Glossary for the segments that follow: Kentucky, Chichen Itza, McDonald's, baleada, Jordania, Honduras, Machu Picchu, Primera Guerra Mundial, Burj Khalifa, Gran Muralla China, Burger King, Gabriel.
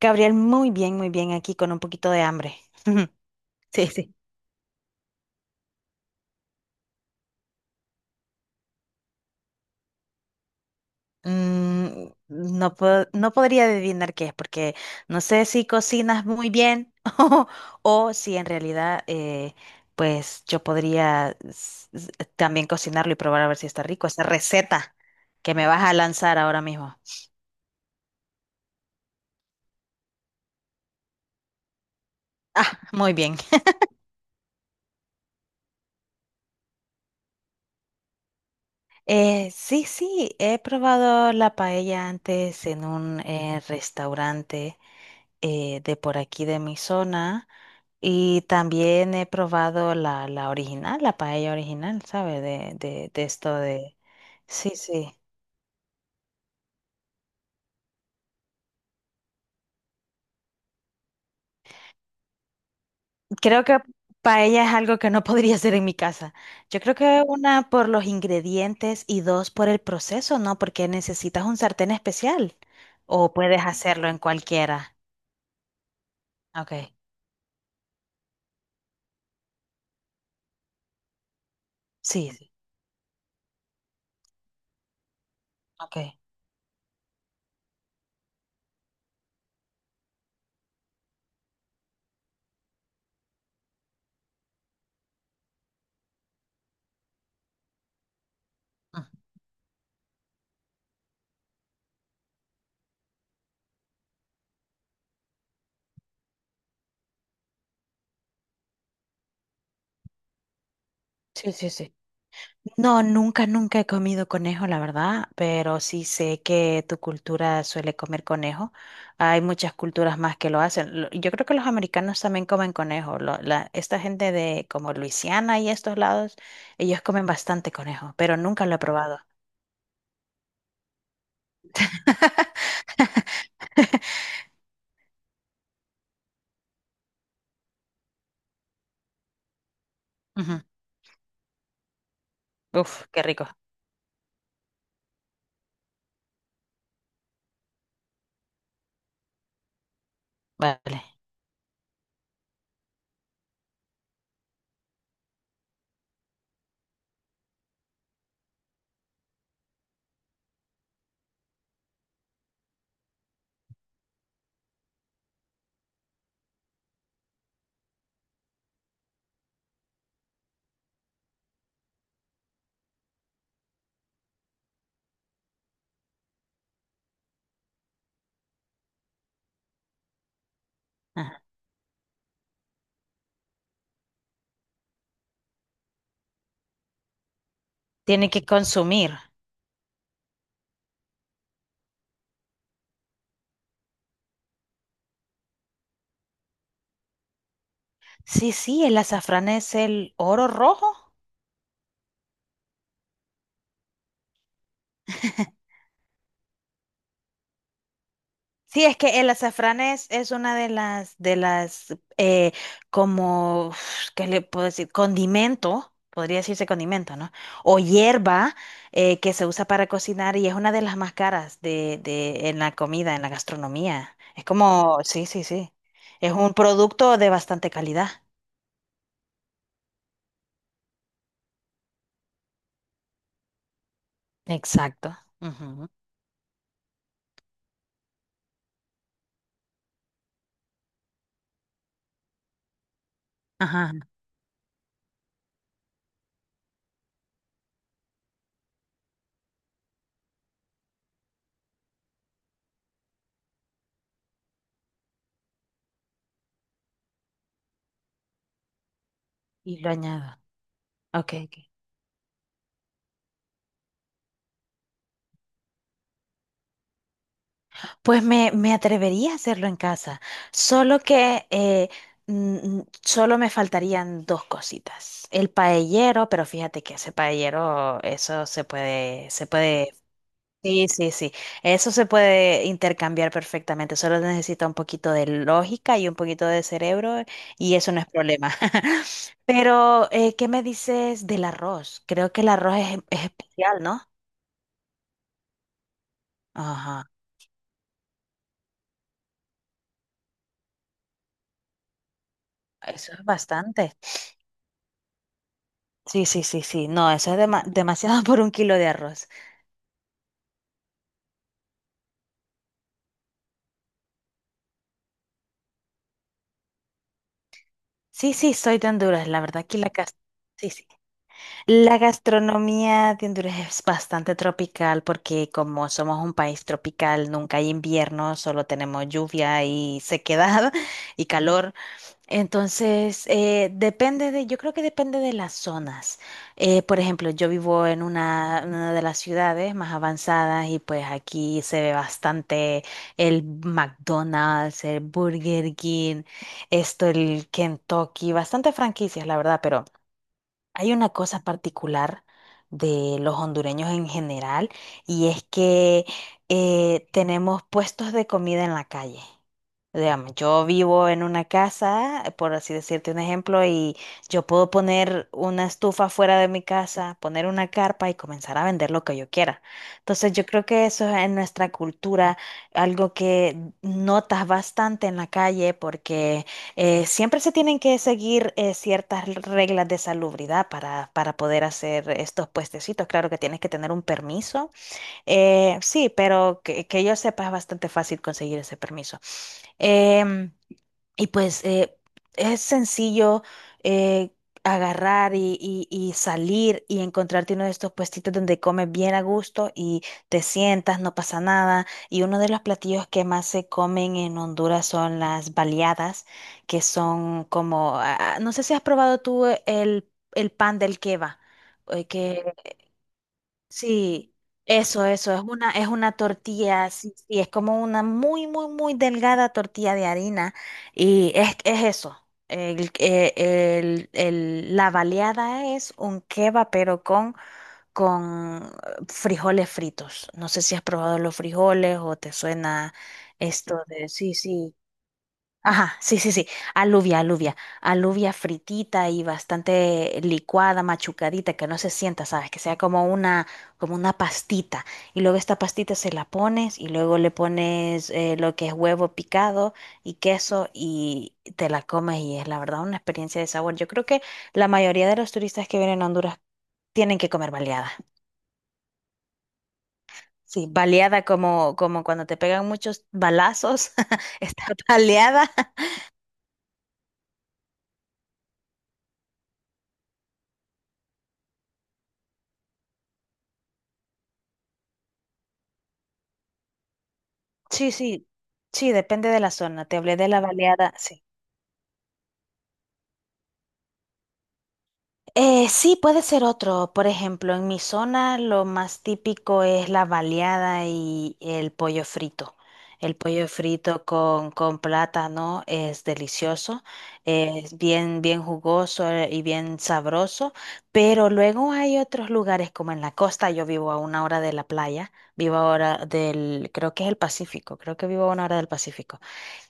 Gabriel, muy bien, aquí con un poquito de hambre. Sí, sí. No puedo- no podría adivinar qué es, porque no sé si cocinas muy bien o, si en realidad, pues yo podría también cocinarlo y probar a ver si está rico esa receta que me vas a lanzar ahora mismo. Muy bien. Sí, sí, he probado la paella antes en un restaurante de por aquí de mi zona. Y también he probado la original, la paella original, ¿sabe? De esto de... Sí, sí. Creo que paella es algo que no podría hacer en mi casa. Yo creo que una por los ingredientes y dos por el proceso, ¿no? Porque necesitas un sartén especial o puedes hacerlo en cualquiera. Ok. Sí, sí. Ok. Mm. Sí, sí, sí. No, nunca, nunca he comido conejo, la verdad, pero sí sé que tu cultura suele comer conejo. Hay muchas culturas más que lo hacen. Lo- Yo creo que los americanos también comen conejo. Esta gente de como Luisiana y estos lados, ellos comen bastante conejo, pero nunca lo he probado. Ujú. Uf, qué rico. Vale. Ajá. Tiene que consumir. Sí, sí, el azafrán es el oro rojo. Sí, es que el azafrán es una de las, como, uf, ¿qué le puedo decir? Condimento, podría decirse condimento, ¿no? O hierba que se usa para cocinar y es una de las más caras de, en la comida, en la gastronomía. Es como, sí, sí, sí. Es un producto de bastante calidad. Exacto. Ujú. Ajá. Y lo añado. Ok, ok. Pues me atrevería a hacerlo en casa, solo que solo me faltarían dos cositas. El paellero, pero fíjate que ese paellero, eso se puede, sí, sí, sí, eso se puede intercambiar perfectamente, solo necesita un poquito de lógica y un poquito de cerebro y eso no es problema. Pero, ¿qué me dices del arroz? Creo que el arroz es especial, ¿no? Ajá, eso es bastante. Sí, sí, sí, sí. No, eso es demasiado por un kilo de arroz. Sí, sí, soy de Honduras. La verdad que sí, sí. La gastronomía de Honduras es bastante tropical porque como somos un país tropical, nunca hay invierno, solo tenemos lluvia y sequedad y calor. Entonces, yo creo que depende de las zonas. Por ejemplo, yo vivo en una de las ciudades más avanzadas y pues aquí se ve bastante el McDonald's, el Burger King, esto, el Kentucky, bastante franquicias, la verdad, pero... Hay una cosa particular de los hondureños en general y es que tenemos puestos de comida en la calle. Digamos, yo vivo en una casa, por así decirte un ejemplo, y yo puedo poner una estufa fuera de mi casa, poner una carpa y comenzar a vender lo que yo quiera. Entonces yo creo que eso es en nuestra cultura algo que notas bastante en la calle porque siempre se tienen que seguir ciertas reglas de salubridad para poder hacer estos puestecitos. Claro que tienes que tener un permiso. Sí, pero que yo sepa es bastante fácil conseguir ese permiso. Em, y pues eh, es sencillo eh, agarrar y salir y encontrarte uno de estos puestitos donde comes bien a gusto y te sientas, no pasa nada. Y uno de los platillos que más se comen en Honduras son las baleadas, que son como, ah, ah, no sé si has probado tú el pan del queva, que Sí, eso, es una tortilla, sí, sí, es como una muy, muy, muy delgada tortilla de harina y es eso. La baleada es un kebab, pero con frijoles fritos. No sé si has probado los frijoles o te suena esto de, sí, sí. Ajá, sí, sí, sí, alubia, alubia, alubia fritita y bastante licuada, machucadita, que no se sienta, ¿sabes? Que sea como una pastita. Y luego esta pastita se la pones y luego le pones lo que es huevo picado y queso y te la comes y es la verdad una experiencia de sabor. Yo creo que la mayoría de los turistas que vienen a Honduras tienen que comer baleada. Sí, baleada como, como cuando te pegan muchos balazos, está baleada. Sí, sí, sí, depende de la zona. Te hablé de la baleada, sí. Sí, puede ser otro. Por ejemplo, en mi zona lo más típico es la baleada y el pollo frito. El pollo frito con plátano es delicioso, es bien, bien jugoso y bien sabroso, pero luego hay otros lugares como en la costa, yo vivo a una hora de la playa, vivo ahora del, creo que es el Pacífico, creo que vivo a una hora del Pacífico.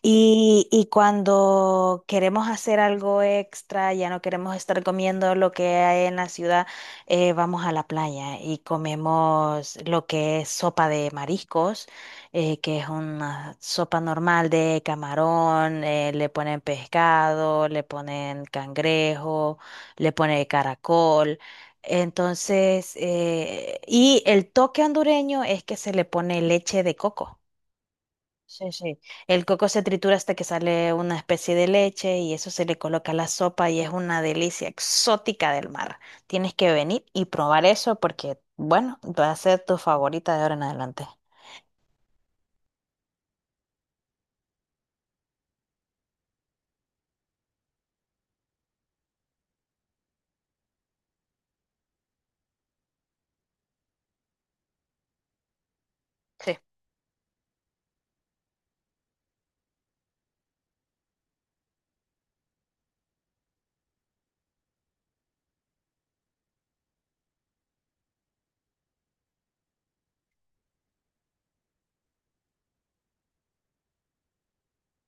Y cuando queremos hacer algo extra, ya no queremos estar comiendo lo que hay en la ciudad, vamos a la playa y comemos lo que es sopa de mariscos, que es una sopa normal de camarón, le ponen pescado, le ponen cangrejo, le ponen caracol. Entonces, y el toque hondureño es que se le pone leche de coco. Sí, sí. El coco se tritura hasta que sale una especie de leche y eso se le coloca a la sopa y es una delicia exótica del mar. Tienes que venir y probar eso porque, bueno, va a ser tu favorita de ahora en adelante.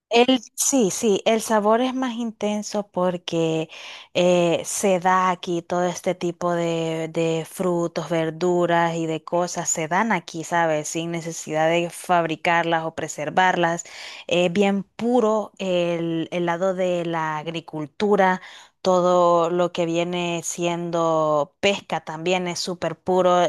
Sí, sí, el sabor es más intenso porque se da aquí todo este tipo de frutos, verduras y de cosas, se dan aquí, ¿sabes? Sin necesidad de fabricarlas o preservarlas. Es bien puro el lado de la agricultura, todo lo que viene siendo pesca también es súper puro.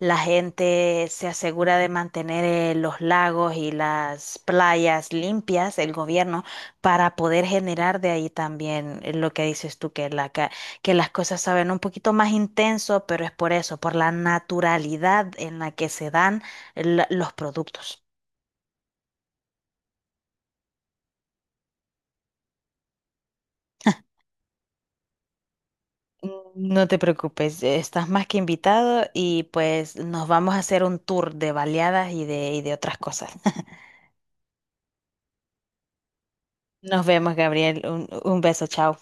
La gente se asegura de mantener los lagos y las playas limpias, el gobierno, para poder generar de ahí también lo que dices tú, que las cosas saben un poquito más intenso, pero es por eso, por la naturalidad en la que se dan los productos. No te preocupes, estás más que invitado y pues nos vamos a hacer un tour de baleadas y y de otras cosas. Nos vemos, Gabriel. Un beso, chao.